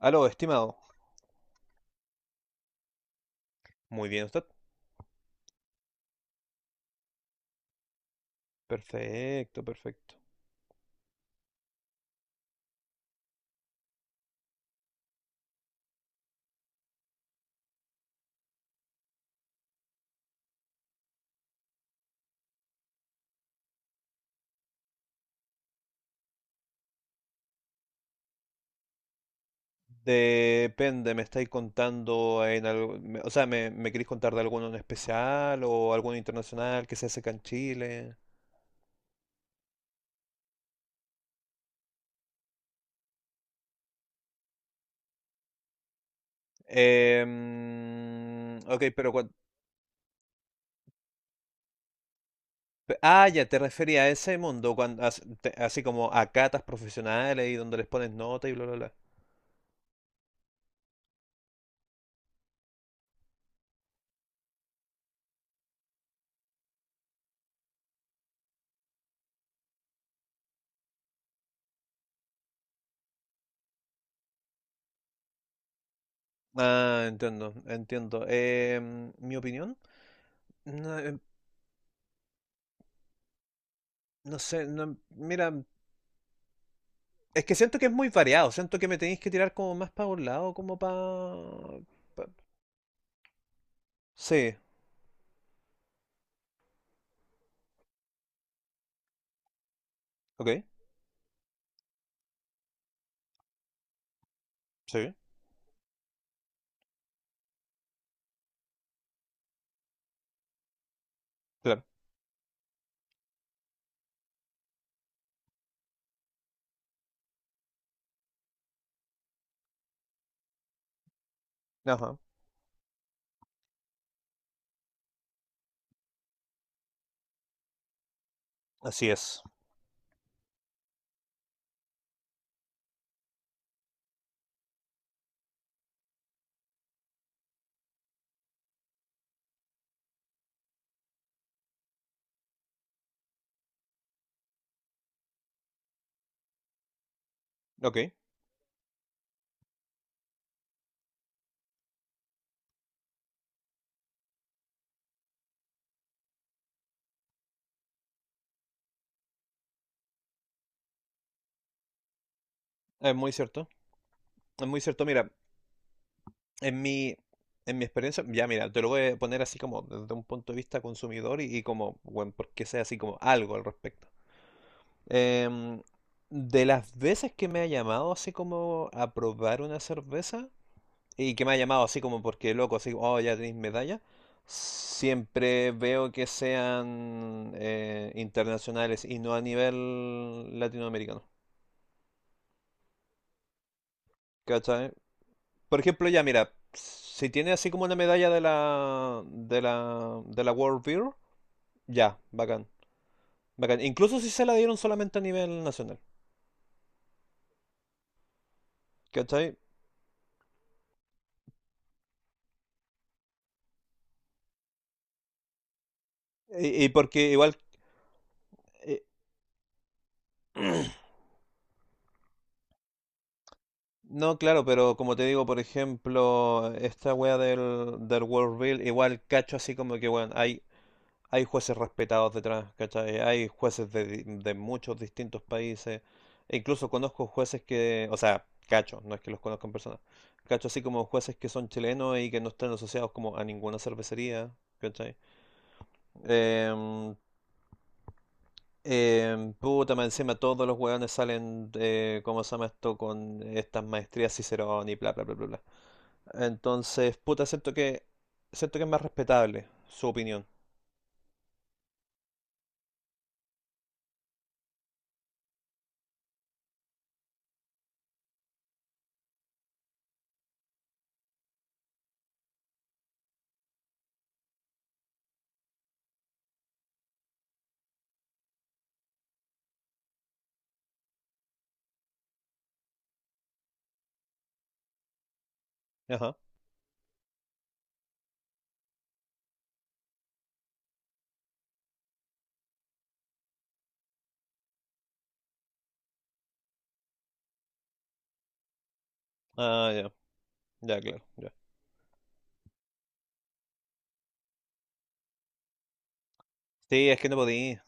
Aló, estimado. Muy bien, usted. Perfecto, perfecto. Depende, ¿me estáis contando en algo? O sea, ¿me queréis contar de alguno en especial o alguno internacional que se hace acá en Chile? Ok, pero ah, ya, te refería a ese mundo, cuando, así como a catas profesionales y donde les pones nota y bla, bla, bla. Ah, entiendo, entiendo. ¿Mi opinión? No, no sé, no, mira, es que siento que es muy variado, siento que me tenéis que tirar como más para un lado, como para... Sí, ok, sí, claro, ajá, así es, ok, es muy cierto, es muy cierto, mira, en mi, en mi experiencia, ya mira, te lo voy a poner así como desde un punto de vista consumidor y, como, bueno, porque sea así como algo al respecto. Em, de las veces que me ha llamado así como a probar una cerveza, y que me ha llamado así como porque loco, así, oh, ya tenéis medalla. Siempre veo que sean internacionales y no a nivel latinoamericano. ¿Cachai? Por ejemplo, ya mira, si tiene así como una medalla de la World Beer, ya, bacán, bacán. Incluso si se la dieron solamente a nivel nacional, ¿cachai? Y, porque igual eh, no, claro, pero como te digo, por ejemplo, esta wea del World Beer, igual cacho así como que, bueno, hay hay jueces respetados detrás, ¿cachai? Hay jueces de muchos distintos países. E incluso conozco jueces que, o sea, cacho, no es que los conozcan en persona. Cacho así como jueces que son chilenos y que no están asociados como a ninguna cervecería, ¿cachai? Em, Puta, más encima todos los hueones salen, ¿cómo se llama esto? Con estas maestrías Cicerón y bla, bla, bla, bla, bla. Entonces, puta, siento que es más respetable su opinión. Ajá. Ah, ya, ya, claro, ya. Sí, es que no podía.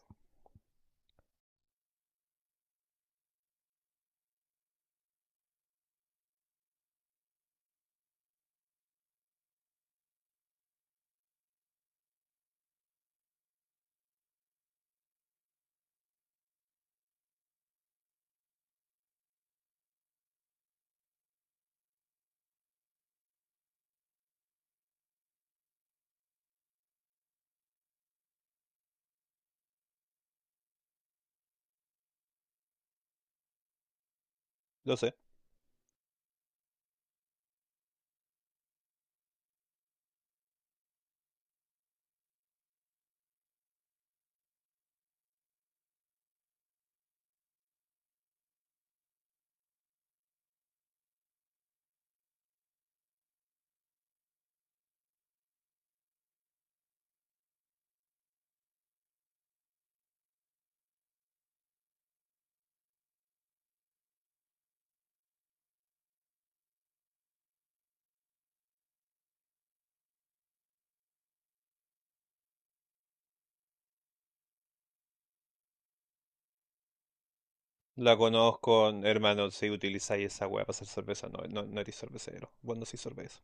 Lo sé. La conozco, hermano, si utilizáis esa weá para hacer cerveza, no, no, no eres cervecero. Vos no sois cerveza.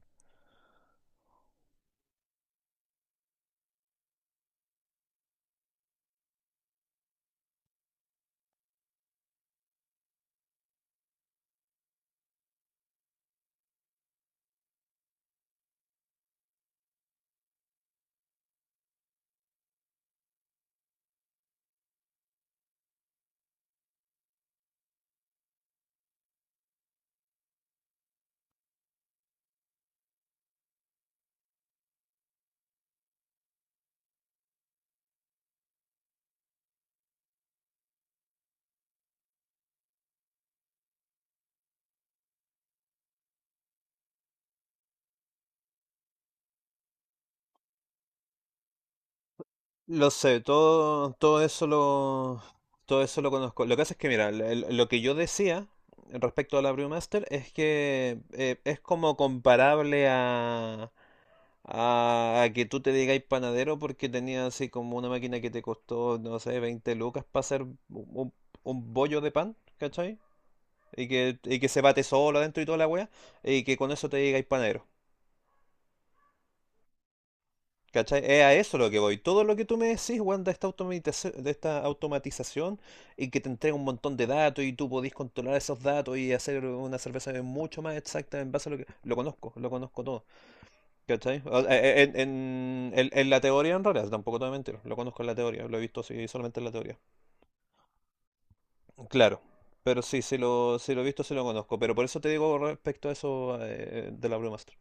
Lo sé, todo eso lo conozco. Lo que hace es que, mira, lo que yo decía respecto a la Brewmaster es que es como comparable a que tú te digáis panadero porque tenías así como una máquina que te costó, no sé, 20 lucas para hacer un bollo de pan, ¿cachai? Y que se bate solo adentro y toda la wea, y que con eso te digáis panadero. ¿Cachai? Es a eso lo que voy. Todo lo que tú me decís, weón, de esta de esta automatización y que te entrega un montón de datos y tú podís controlar esos datos y hacer una cerveza mucho más exacta en base a lo que... lo conozco todo. ¿Cachai? En la teoría, en realidad, tampoco te voy a mentir. Lo conozco en la teoría, lo he visto así solamente en la teoría. Claro. Pero sí, si lo he visto, sí lo conozco. Pero por eso te digo respecto a eso de la Brewmaster.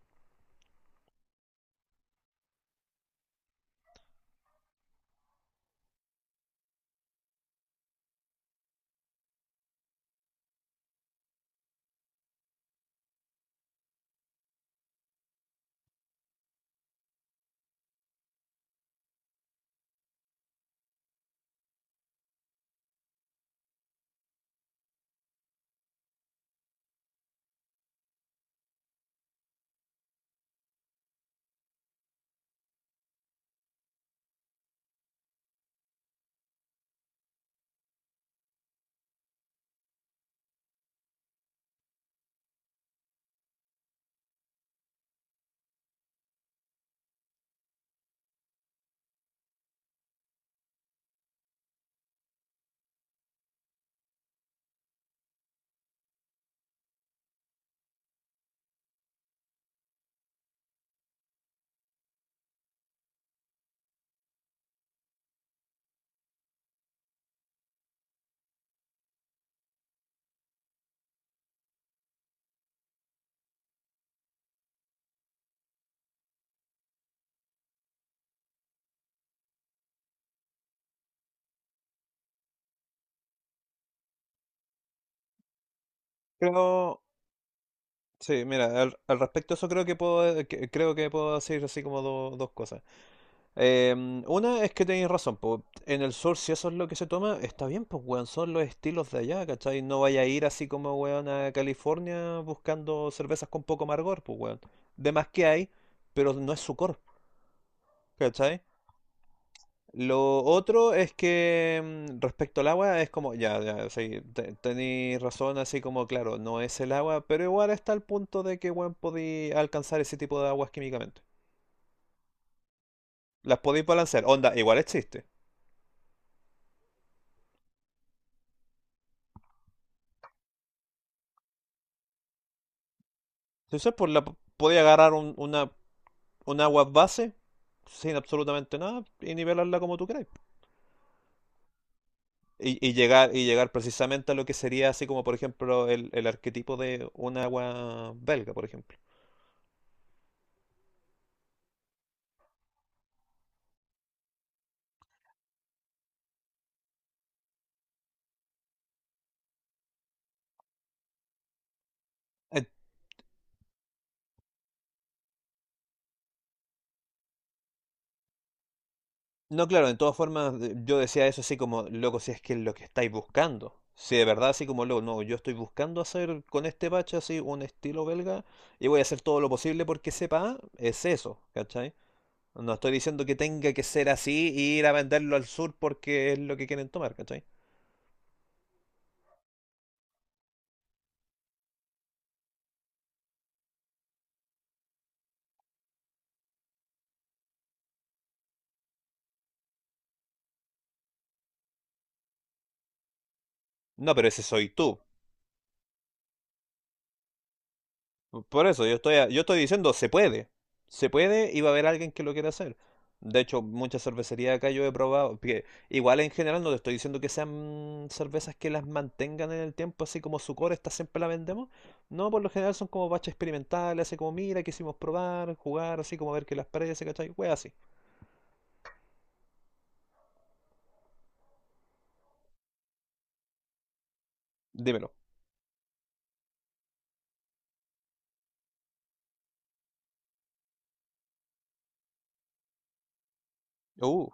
Creo, sí, mira, al respecto a eso creo que puedo, creo que puedo decir así como dos cosas. Una es que tenéis razón, po, en el sur si eso es lo que se toma, está bien, pues weón, son los estilos de allá, ¿cachai? No vaya a ir así como weón a California buscando cervezas con poco amargor, pues weón. De más que hay, pero no es su core, ¿cachai? Lo otro es que respecto al agua es como, ya, ya, sí, tenéis razón, así como, claro, no es el agua, pero igual está el punto de que, bueno, podéis alcanzar ese tipo de aguas químicamente. Las podéis balancear, onda, igual existe. Entonces, podéis agarrar un agua base sin absolutamente nada y nivelarla como tú queráis. Y, y llegar precisamente a lo que sería así como, por ejemplo, el arquetipo de un agua belga, por ejemplo. No, claro, de todas formas yo decía eso así como, loco, si es que es lo que estáis buscando. Si de verdad así como, loco, no, yo estoy buscando hacer con este bache así un estilo belga y voy a hacer todo lo posible porque sepa, es eso, ¿cachai? No estoy diciendo que tenga que ser así y ir a venderlo al sur porque es lo que quieren tomar, ¿cachai? No, pero ese soy tú. Por eso, yo estoy diciendo, se puede. Se puede y va a haber alguien que lo quiera hacer. De hecho, muchas cervecerías acá yo he probado, que igual en general no te estoy diciendo que sean cervezas que las mantengan en el tiempo, así como su core, esta siempre la vendemos. No, por lo general son como baches experimentales, así como mira, quisimos probar, jugar, así como ver qué las parece, ¿cachai? Wea así. Dímelo. Uh,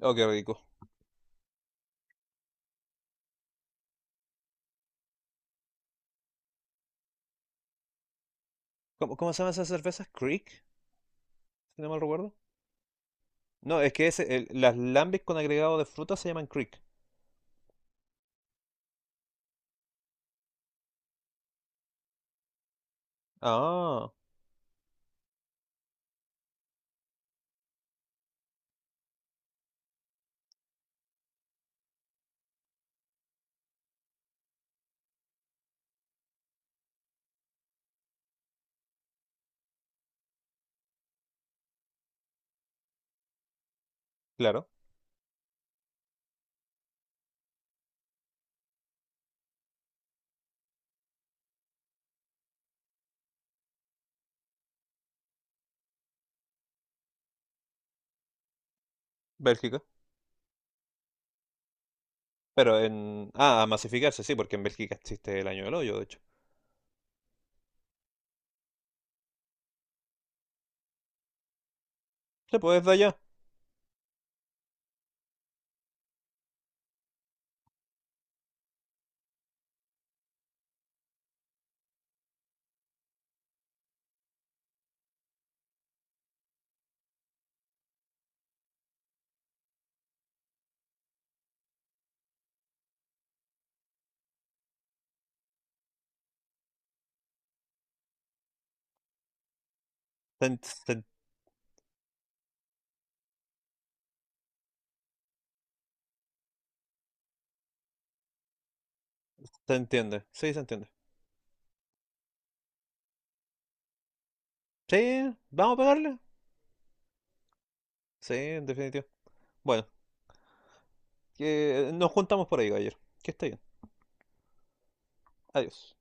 oh, qué rico. ¿Cómo, cómo se llaman esas cervezas? ¿Creek? Si no mal recuerdo. No, es que ese, las lambics con agregado de fruta se llaman Creek. Ah, claro. Bélgica. Pero en... Ah, a masificarse, sí, porque en Bélgica existe el año del hoyo, de hecho. Se puede desde allá. Se, en- se en- Se entiende. Sí, se entiende. Sí, vamos a pegarle. Sí, en definitiva. Bueno, que nos juntamos por ahí, ayer. Que esté bien. Adiós.